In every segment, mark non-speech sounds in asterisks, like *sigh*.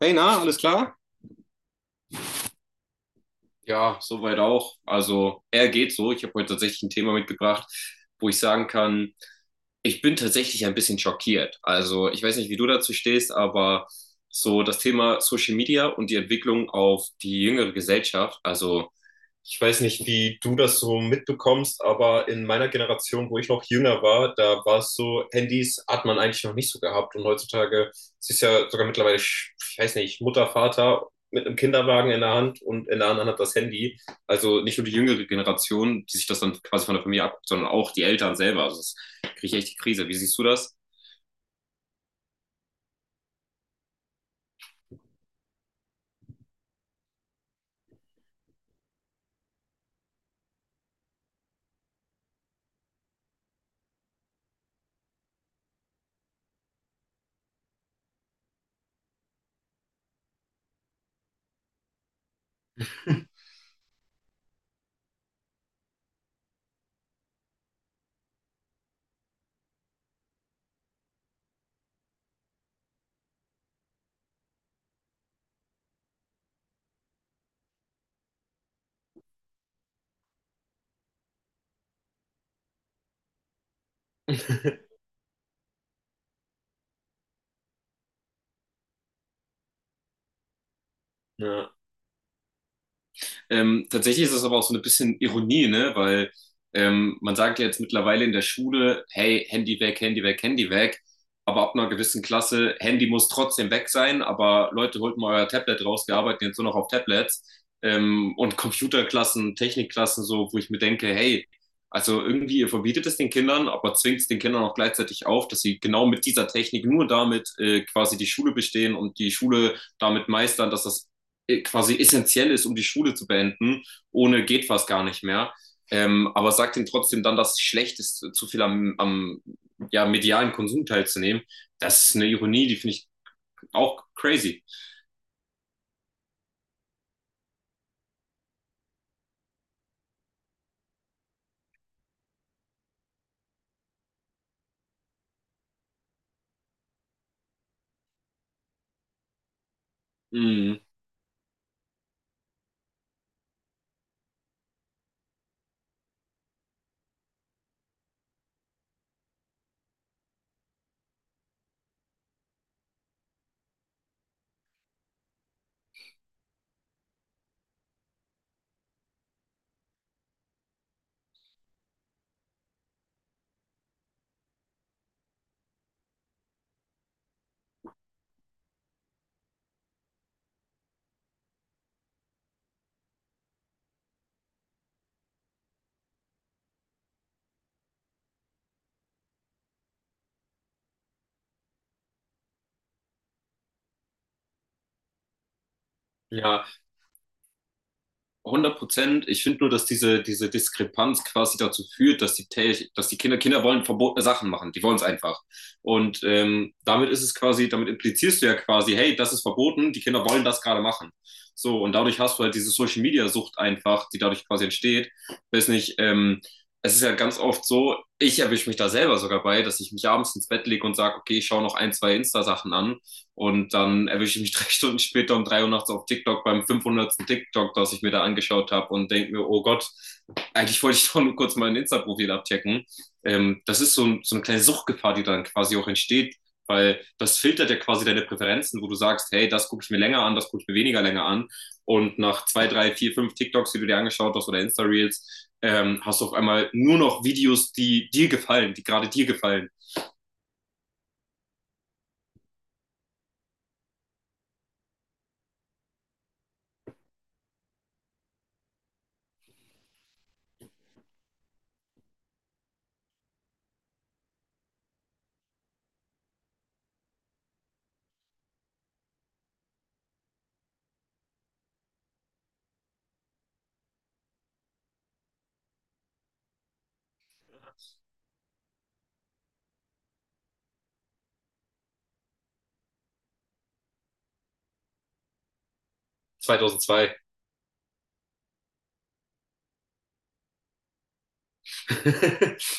Hey, na, alles klar? Ja, soweit auch. Also, er geht so. Ich habe heute tatsächlich ein Thema mitgebracht, wo ich sagen kann, ich bin tatsächlich ein bisschen schockiert. Also, ich weiß nicht, wie du dazu stehst, aber so das Thema Social Media und die Entwicklung auf die jüngere Gesellschaft. Also, ich weiß nicht, wie du das so mitbekommst, aber in meiner Generation, wo ich noch jünger war, da war es so, Handys hat man eigentlich noch nicht so gehabt. Und heutzutage es ist ja sogar mittlerweile, ich weiß nicht, Mutter, Vater mit einem Kinderwagen in der Hand und in der anderen Hand das Handy. Also nicht nur die jüngere Generation, die sich das dann quasi von der Familie abguckt, sondern auch die Eltern selber. Also das kriege ich echt die Krise. Wie siehst du das? *laughs* Ja. Tatsächlich ist es aber auch so ein bisschen Ironie, ne? Weil man sagt ja jetzt mittlerweile in der Schule, hey, Handy weg, Handy weg, Handy weg. Aber ab einer gewissen Klasse, Handy muss trotzdem weg sein, aber Leute, holt mal euer Tablet raus, wir arbeiten jetzt nur noch auf Tablets. Und Computerklassen, Technikklassen, so, wo ich mir denke, hey, also irgendwie, ihr verbietet es den Kindern, aber zwingt es den Kindern auch gleichzeitig auf, dass sie genau mit dieser Technik nur damit quasi die Schule bestehen und die Schule damit meistern, dass das quasi essentiell ist, um die Schule zu beenden. Ohne geht fast gar nicht mehr. Aber sagt ihm trotzdem dann, dass es schlecht ist, zu viel am ja, medialen Konsum teilzunehmen. Das ist eine Ironie, die finde ich auch crazy. Mhm. Ja, 100%. Ich finde nur, dass diese Diskrepanz quasi dazu führt, dass die Kinder, Kinder wollen verbotene Sachen machen. Die wollen es einfach. Und damit ist es quasi, damit implizierst du ja quasi, hey, das ist verboten, die Kinder wollen das gerade machen. So, und dadurch hast du halt diese Social Media Sucht einfach, die dadurch quasi entsteht. Weiß nicht, es ist ja ganz oft so, ich erwische mich da selber sogar bei, dass ich mich abends ins Bett lege und sage, okay, ich schaue noch ein, zwei Insta-Sachen an und dann erwische ich mich *laughs* 3 Stunden später um 3 Uhr nachts auf TikTok beim 500. TikTok, das ich mir da angeschaut habe und denke mir, oh Gott, eigentlich wollte ich *laughs* doch nur kurz mein Insta-Profil abchecken. Das ist so, so eine kleine Suchtgefahr, die dann quasi auch entsteht, weil das filtert ja quasi deine Präferenzen, wo du sagst, hey, das gucke ich mir länger an, das gucke ich mir weniger länger an. Und nach zwei, drei, vier, fünf TikToks, die du dir angeschaut hast oder Insta-Reels, hast du auf einmal nur noch Videos, die dir gefallen, die gerade dir gefallen. 2002. *laughs*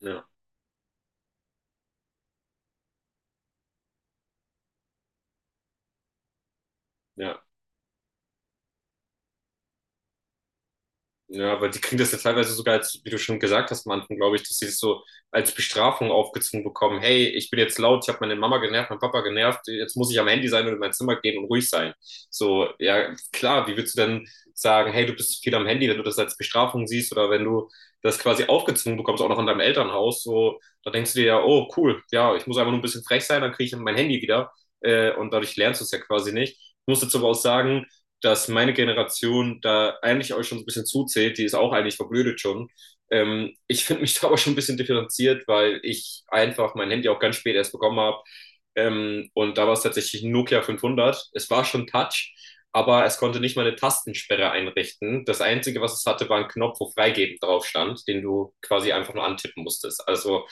Ja, ja. Ja, weil die kriegen das ja teilweise sogar als, wie du schon gesagt hast am Anfang, glaube ich, dass sie es so als Bestrafung aufgezwungen bekommen. Hey, ich bin jetzt laut, ich habe meine Mama genervt, meinen Papa genervt, jetzt muss ich am Handy sein und in mein Zimmer gehen und ruhig sein. So, ja, klar, wie würdest du denn sagen, hey, du bist zu viel am Handy, wenn du das als Bestrafung siehst oder wenn du das quasi aufgezwungen bekommst, auch noch in deinem Elternhaus, so, da denkst du dir ja, oh, cool, ja, ich muss einfach nur ein bisschen frech sein, dann kriege ich mein Handy wieder und dadurch lernst du es ja quasi nicht. Ich muss jetzt aber auch sagen, dass meine Generation da eigentlich euch schon so ein bisschen zuzählt, die ist auch eigentlich verblödet schon. Ich finde mich *laughs* da aber schon ein bisschen differenziert, weil ich einfach mein Handy auch ganz spät erst bekommen habe. Und da war es tatsächlich ein Nokia 500. Es war schon Touch, aber es konnte nicht mal eine Tastensperre einrichten. Das Einzige, was es hatte, war ein Knopf, wo freigeben drauf stand, den du quasi einfach nur antippen musstest. Also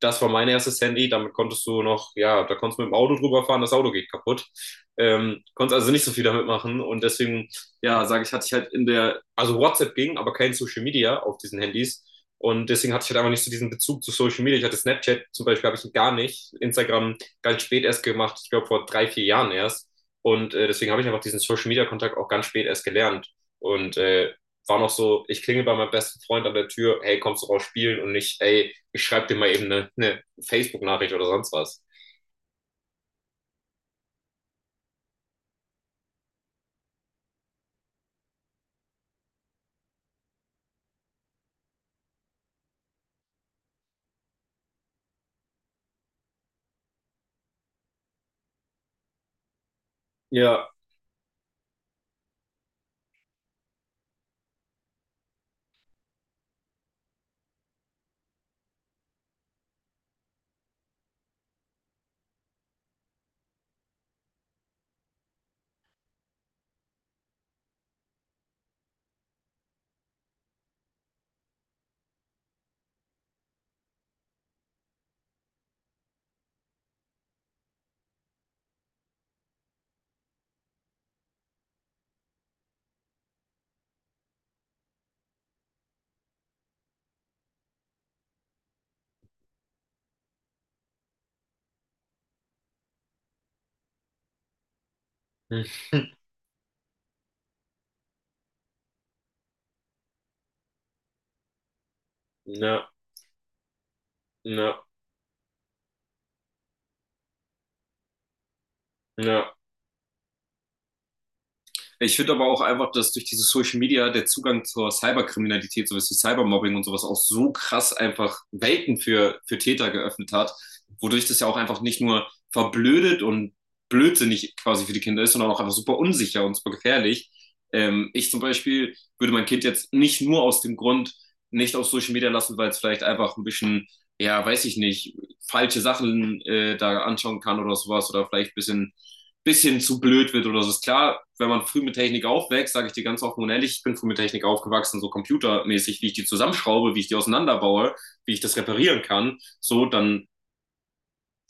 das war mein erstes Handy, damit konntest du noch, ja, da konntest du mit dem Auto drüber fahren, das Auto geht kaputt. Konntest also nicht so viel damit machen und deswegen, ja, sage ich, hatte ich halt in der, also WhatsApp ging, aber kein Social Media auf diesen Handys und deswegen hatte ich halt einfach nicht so diesen Bezug zu Social Media. Ich hatte Snapchat zum Beispiel, habe ich gar nicht, Instagram ganz spät erst gemacht, ich glaube vor 3, 4 Jahren erst und deswegen habe ich einfach diesen Social Media Kontakt auch ganz spät erst gelernt. Und war noch so, ich klingel bei meinem besten Freund an der Tür, hey, kommst du raus spielen? Und nicht, ey, ich schreibe dir mal eben eine Facebook-Nachricht oder sonst was. Ja, na, na, na. Ich finde aber auch einfach, dass durch diese Social Media der Zugang zur Cyberkriminalität, sowas wie Cybermobbing und sowas auch so krass einfach Welten für Täter geöffnet hat, wodurch das ja auch einfach nicht nur verblödet und blödsinnig quasi für die Kinder ist, sondern auch einfach super unsicher und super gefährlich. Ich zum Beispiel würde mein Kind jetzt nicht nur aus dem Grund nicht auf Social Media lassen, weil es vielleicht einfach ein bisschen, ja, weiß ich nicht, falsche Sachen da anschauen kann oder sowas oder vielleicht ein bisschen zu blöd wird oder so. Ist klar, wenn man früh mit Technik aufwächst, sage ich dir ganz offen und ehrlich, ich bin früh mit Technik aufgewachsen, so computermäßig, wie ich die zusammenschraube, wie ich die auseinanderbaue, wie ich das reparieren kann, so, dann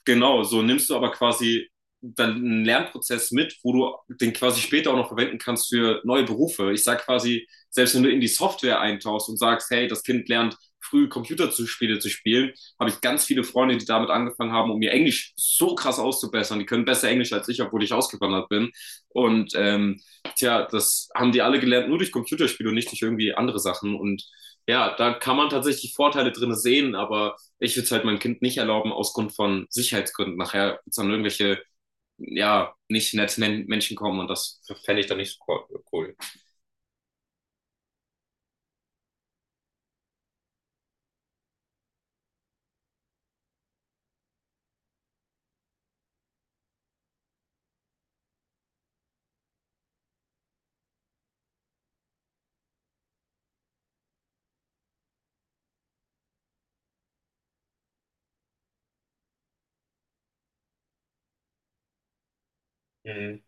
genau, so nimmst du aber quasi dann einen Lernprozess mit, wo du den quasi später auch noch verwenden kannst für neue Berufe. Ich sage quasi, selbst wenn du in die Software eintauchst und sagst, hey, das Kind lernt früh Computerspiele zu spielen, habe ich ganz viele Freunde, die damit angefangen haben, um ihr Englisch so krass auszubessern. Die können besser Englisch als ich, obwohl ich ausgewandert bin. Und tja, das haben die alle gelernt, nur durch Computerspiele und nicht durch irgendwie andere Sachen. Und ja, da kann man tatsächlich Vorteile drin sehen, aber ich würde es halt meinem Kind nicht erlauben, aus Grund von Sicherheitsgründen. Nachher wird dann irgendwelche, ja, nicht netten Menschen kommen und das fände ich dann nicht so cool. Mhm.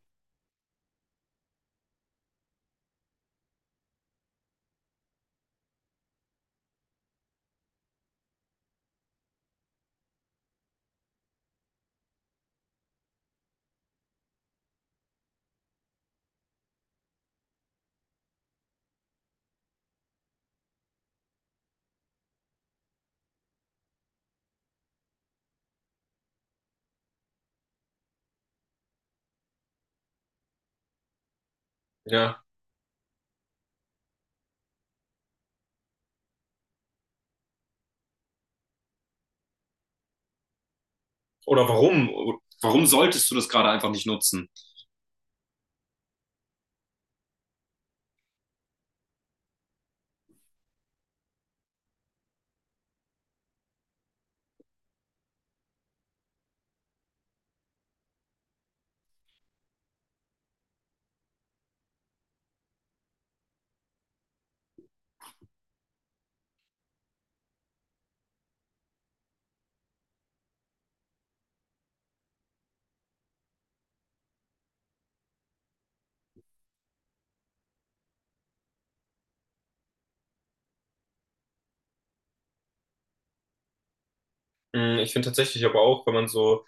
Ja. Oder warum? Warum solltest du das gerade einfach nicht nutzen? Ich finde tatsächlich aber auch, wenn man so,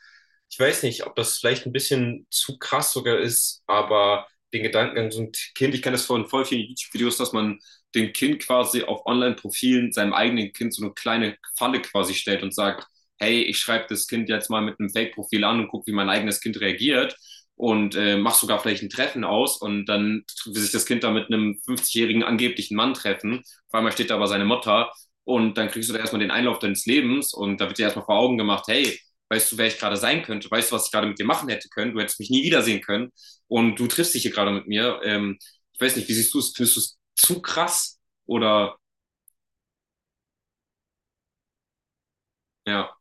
ich weiß nicht, ob das vielleicht ein bisschen zu krass sogar ist, aber den Gedankengang, so ein Kind, ich kenne das von voll vielen YouTube-Videos, dass man dem Kind quasi auf Online-Profilen, seinem eigenen Kind, so eine kleine Falle quasi stellt und sagt, hey, ich schreibe das Kind jetzt mal mit einem Fake-Profil an und gucke, wie mein eigenes Kind reagiert und mach sogar vielleicht ein Treffen aus und dann will sich das Kind da mit einem 50-jährigen angeblichen Mann treffen. Auf einmal steht da aber seine Mutter und dann kriegst du da erstmal den Einlauf deines Lebens und da wird dir erstmal vor Augen gemacht, hey, weißt du, wer ich gerade sein könnte, weißt du, was ich gerade mit dir machen hätte können, du hättest mich nie wiedersehen können und du triffst dich hier gerade mit mir. Ich weiß nicht, wie siehst du es? Findest du es zu krass? Oder ja.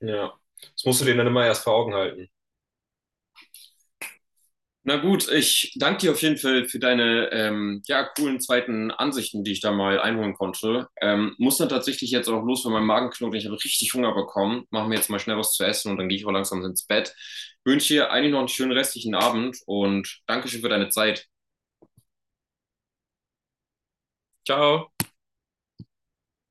Ja, das musst du dir dann immer erst vor Augen halten. Na gut, ich danke dir auf jeden Fall für deine ja, coolen zweiten Ansichten, die ich da mal einholen konnte. Muss dann tatsächlich jetzt auch los, weil mein Magen knurrt. Und ich habe richtig Hunger bekommen. Machen wir jetzt mal schnell was zu essen und dann gehe ich auch langsam ins Bett. Wünsche dir eigentlich noch einen schönen restlichen Abend und Dankeschön für deine Zeit. Ciao.